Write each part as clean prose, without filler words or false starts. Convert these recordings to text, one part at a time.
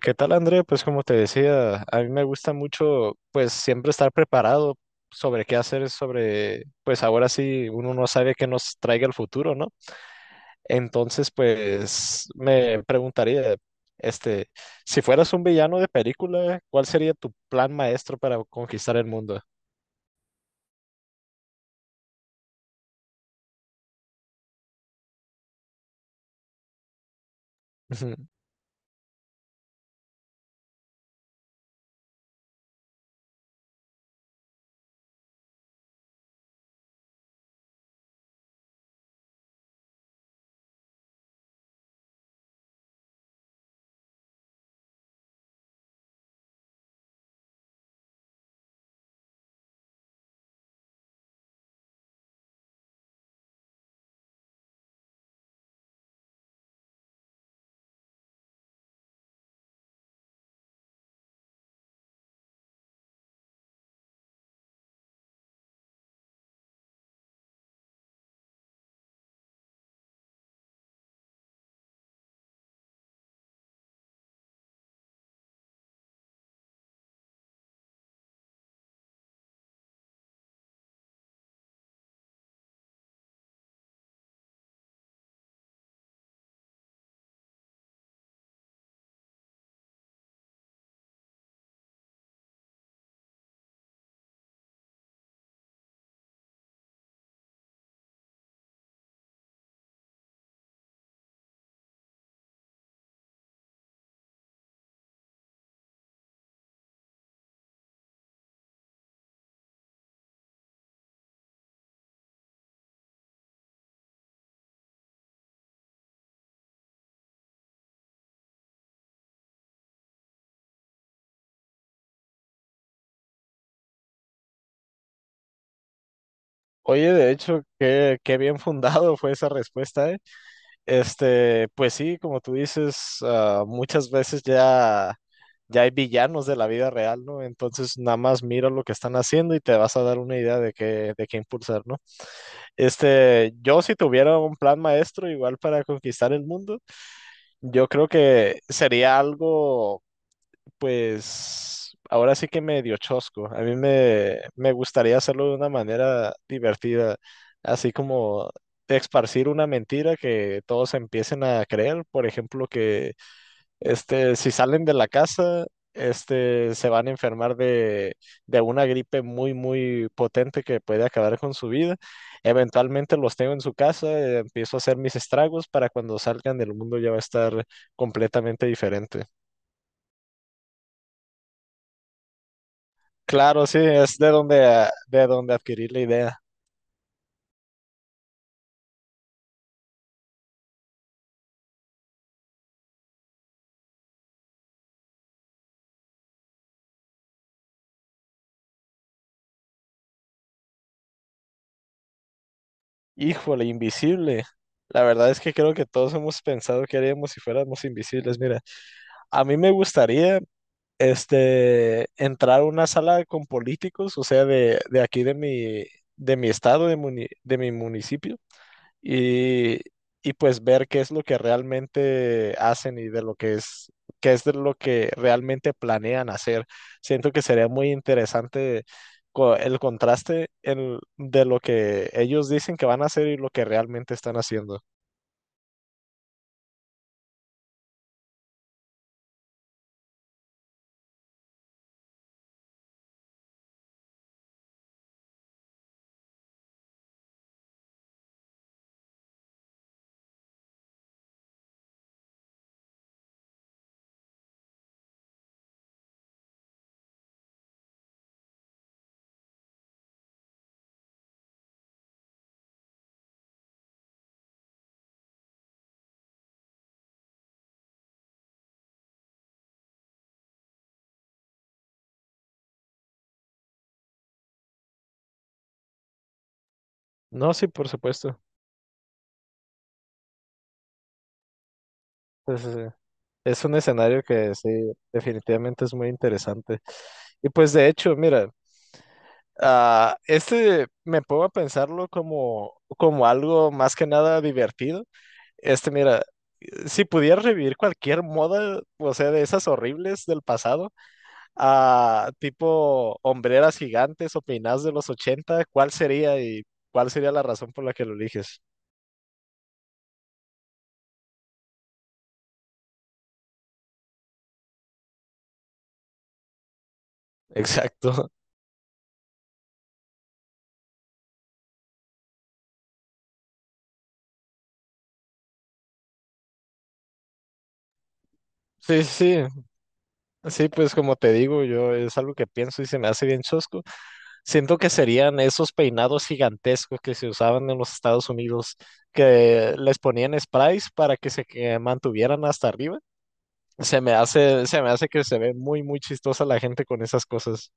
¿Qué tal, Andrea? Pues como te decía, a mí me gusta mucho, pues siempre estar preparado sobre qué hacer, sobre, pues ahora sí uno no sabe qué nos traiga el futuro, ¿no? Entonces, pues me preguntaría, este, si fueras un villano de película, ¿cuál sería tu plan maestro para conquistar el mundo? Ujú. Oye, de hecho, qué bien fundado fue esa respuesta, ¿eh? Este, pues sí, como tú dices, muchas veces ya hay villanos de la vida real, ¿no? Entonces nada más mira lo que están haciendo y te vas a dar una idea de de qué impulsar, ¿no? Este, yo si tuviera un plan maestro igual para conquistar el mundo, yo creo que sería algo pues ahora sí que me dio chosco. A mí me gustaría hacerlo de una manera divertida, así como de esparcir una mentira que todos empiecen a creer. Por ejemplo, que si salen de la casa, se van a enfermar de una gripe muy, muy potente que puede acabar con su vida. Eventualmente los tengo en su casa, empiezo a hacer mis estragos para cuando salgan del mundo ya va a estar completamente diferente. Claro, sí, es de donde, de donde adquirir la idea. Híjole, invisible. La verdad es que creo que todos hemos pensado que haríamos si fuéramos invisibles. Mira, a mí me gustaría entrar a una sala con políticos, o sea, de aquí de mi estado, de, de mi municipio, y, y pues ver qué es lo que realmente hacen y de lo que es, qué es de lo que realmente planean hacer. Siento que sería muy interesante el contraste de lo que ellos dicen que van a hacer y lo que realmente están haciendo. No, sí, por supuesto. Sí, sí, sí. Es un escenario que sí, definitivamente es muy interesante. Y pues de hecho, mira, me pongo a pensarlo como, como algo más que nada divertido. Este, mira, si pudieras revivir cualquier moda, o sea, de esas horribles del pasado, a tipo hombreras gigantes o peinadas de los 80, ¿cuál sería y cuál sería la razón por la que lo eliges? Exacto. Sí, sí, sí, pues como te digo, yo es algo que pienso y se me hace bien chosco. Siento que serían esos peinados gigantescos que se usaban en los Estados Unidos, que les ponían sprays para que se que mantuvieran hasta arriba. Se me hace que se ve muy, muy chistosa la gente con esas cosas.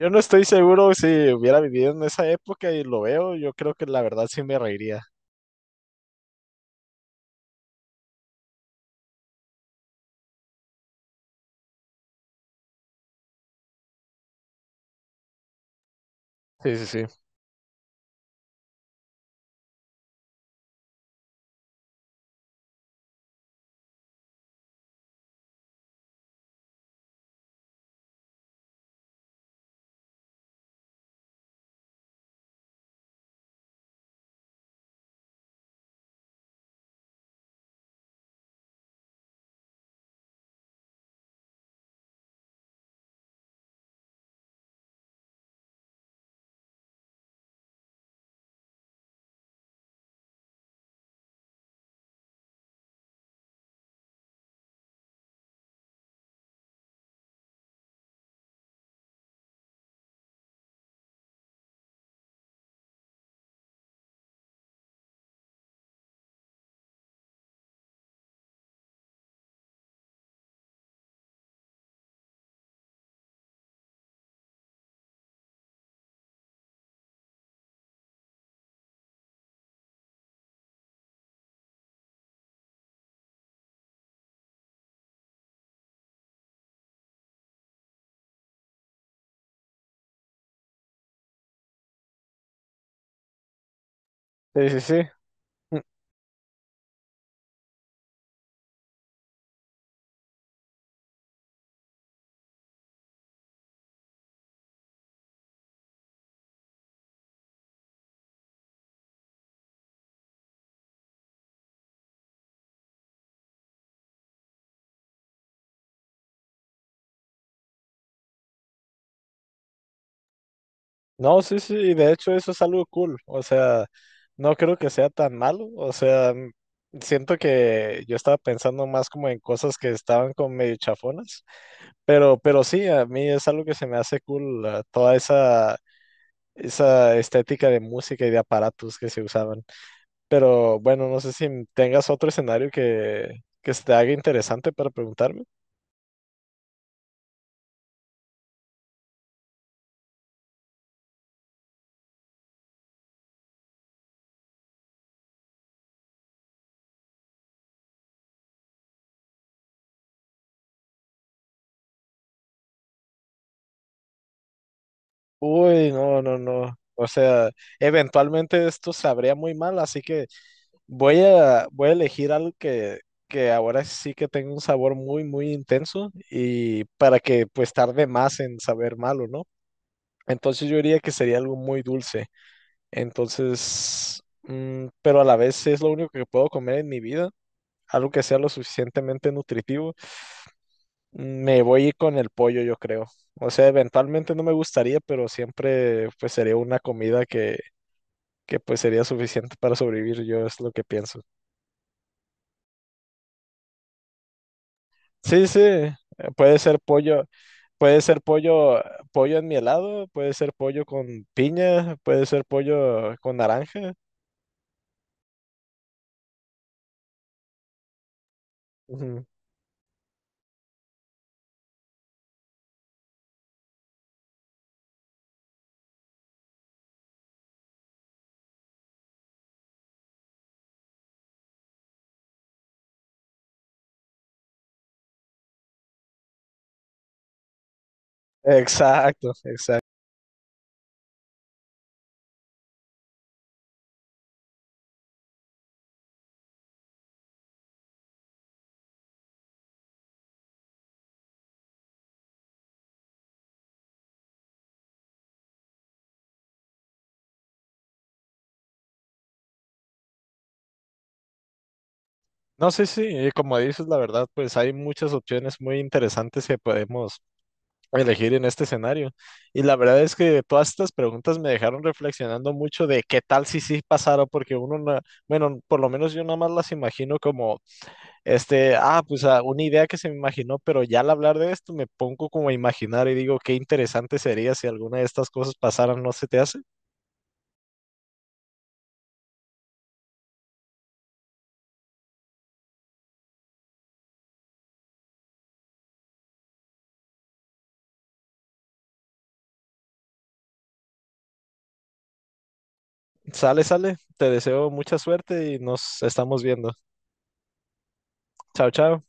Yo no estoy seguro si hubiera vivido en esa época y lo veo, yo creo que la verdad sí me reiría. Sí, sí, sí. Sí, sí, sí. Mm, No, sí, sí, y de hecho eso es algo cool. O sea, no creo que sea tan malo. O sea, siento que yo estaba pensando más como en cosas que estaban como medio chafonas. Pero sí, a mí es algo que se me hace cool, toda esa, esa estética de música y de aparatos que se usaban. Pero bueno, no sé si tengas otro escenario que se te haga interesante para preguntarme. Uy, no, no, no. O sea, eventualmente esto sabría muy mal, así que voy a elegir algo que ahora sí que tenga un sabor muy, muy intenso y para que pues tarde más en saber malo, ¿no? Entonces yo diría que sería algo muy dulce. Entonces, pero a la vez es lo único que puedo comer en mi vida, algo que sea lo suficientemente nutritivo. Me voy con el pollo, yo creo. O sea, eventualmente no me gustaría, pero siempre pues sería una comida que pues sería suficiente para sobrevivir, yo es lo que pienso. Sí, sí, puede ser pollo, puede ser pollo, pollo en mi helado, puede ser pollo con piña, puede ser pollo con naranja. Ujú. Exacto, exacto. No, sí, sí, y como dices, la verdad, pues hay muchas opciones muy interesantes que podemos elegir en este escenario. Y la verdad es que todas estas preguntas me dejaron reflexionando mucho de qué tal si sí pasara, porque uno, bueno, por lo menos yo nada más las imagino como, pues una idea que se me imaginó, pero ya al hablar de esto me pongo como a imaginar y digo, qué interesante sería si alguna de estas cosas pasaran, ¿no se te hace? Sale, sale, te deseo mucha suerte y nos estamos viendo. Chao, chao.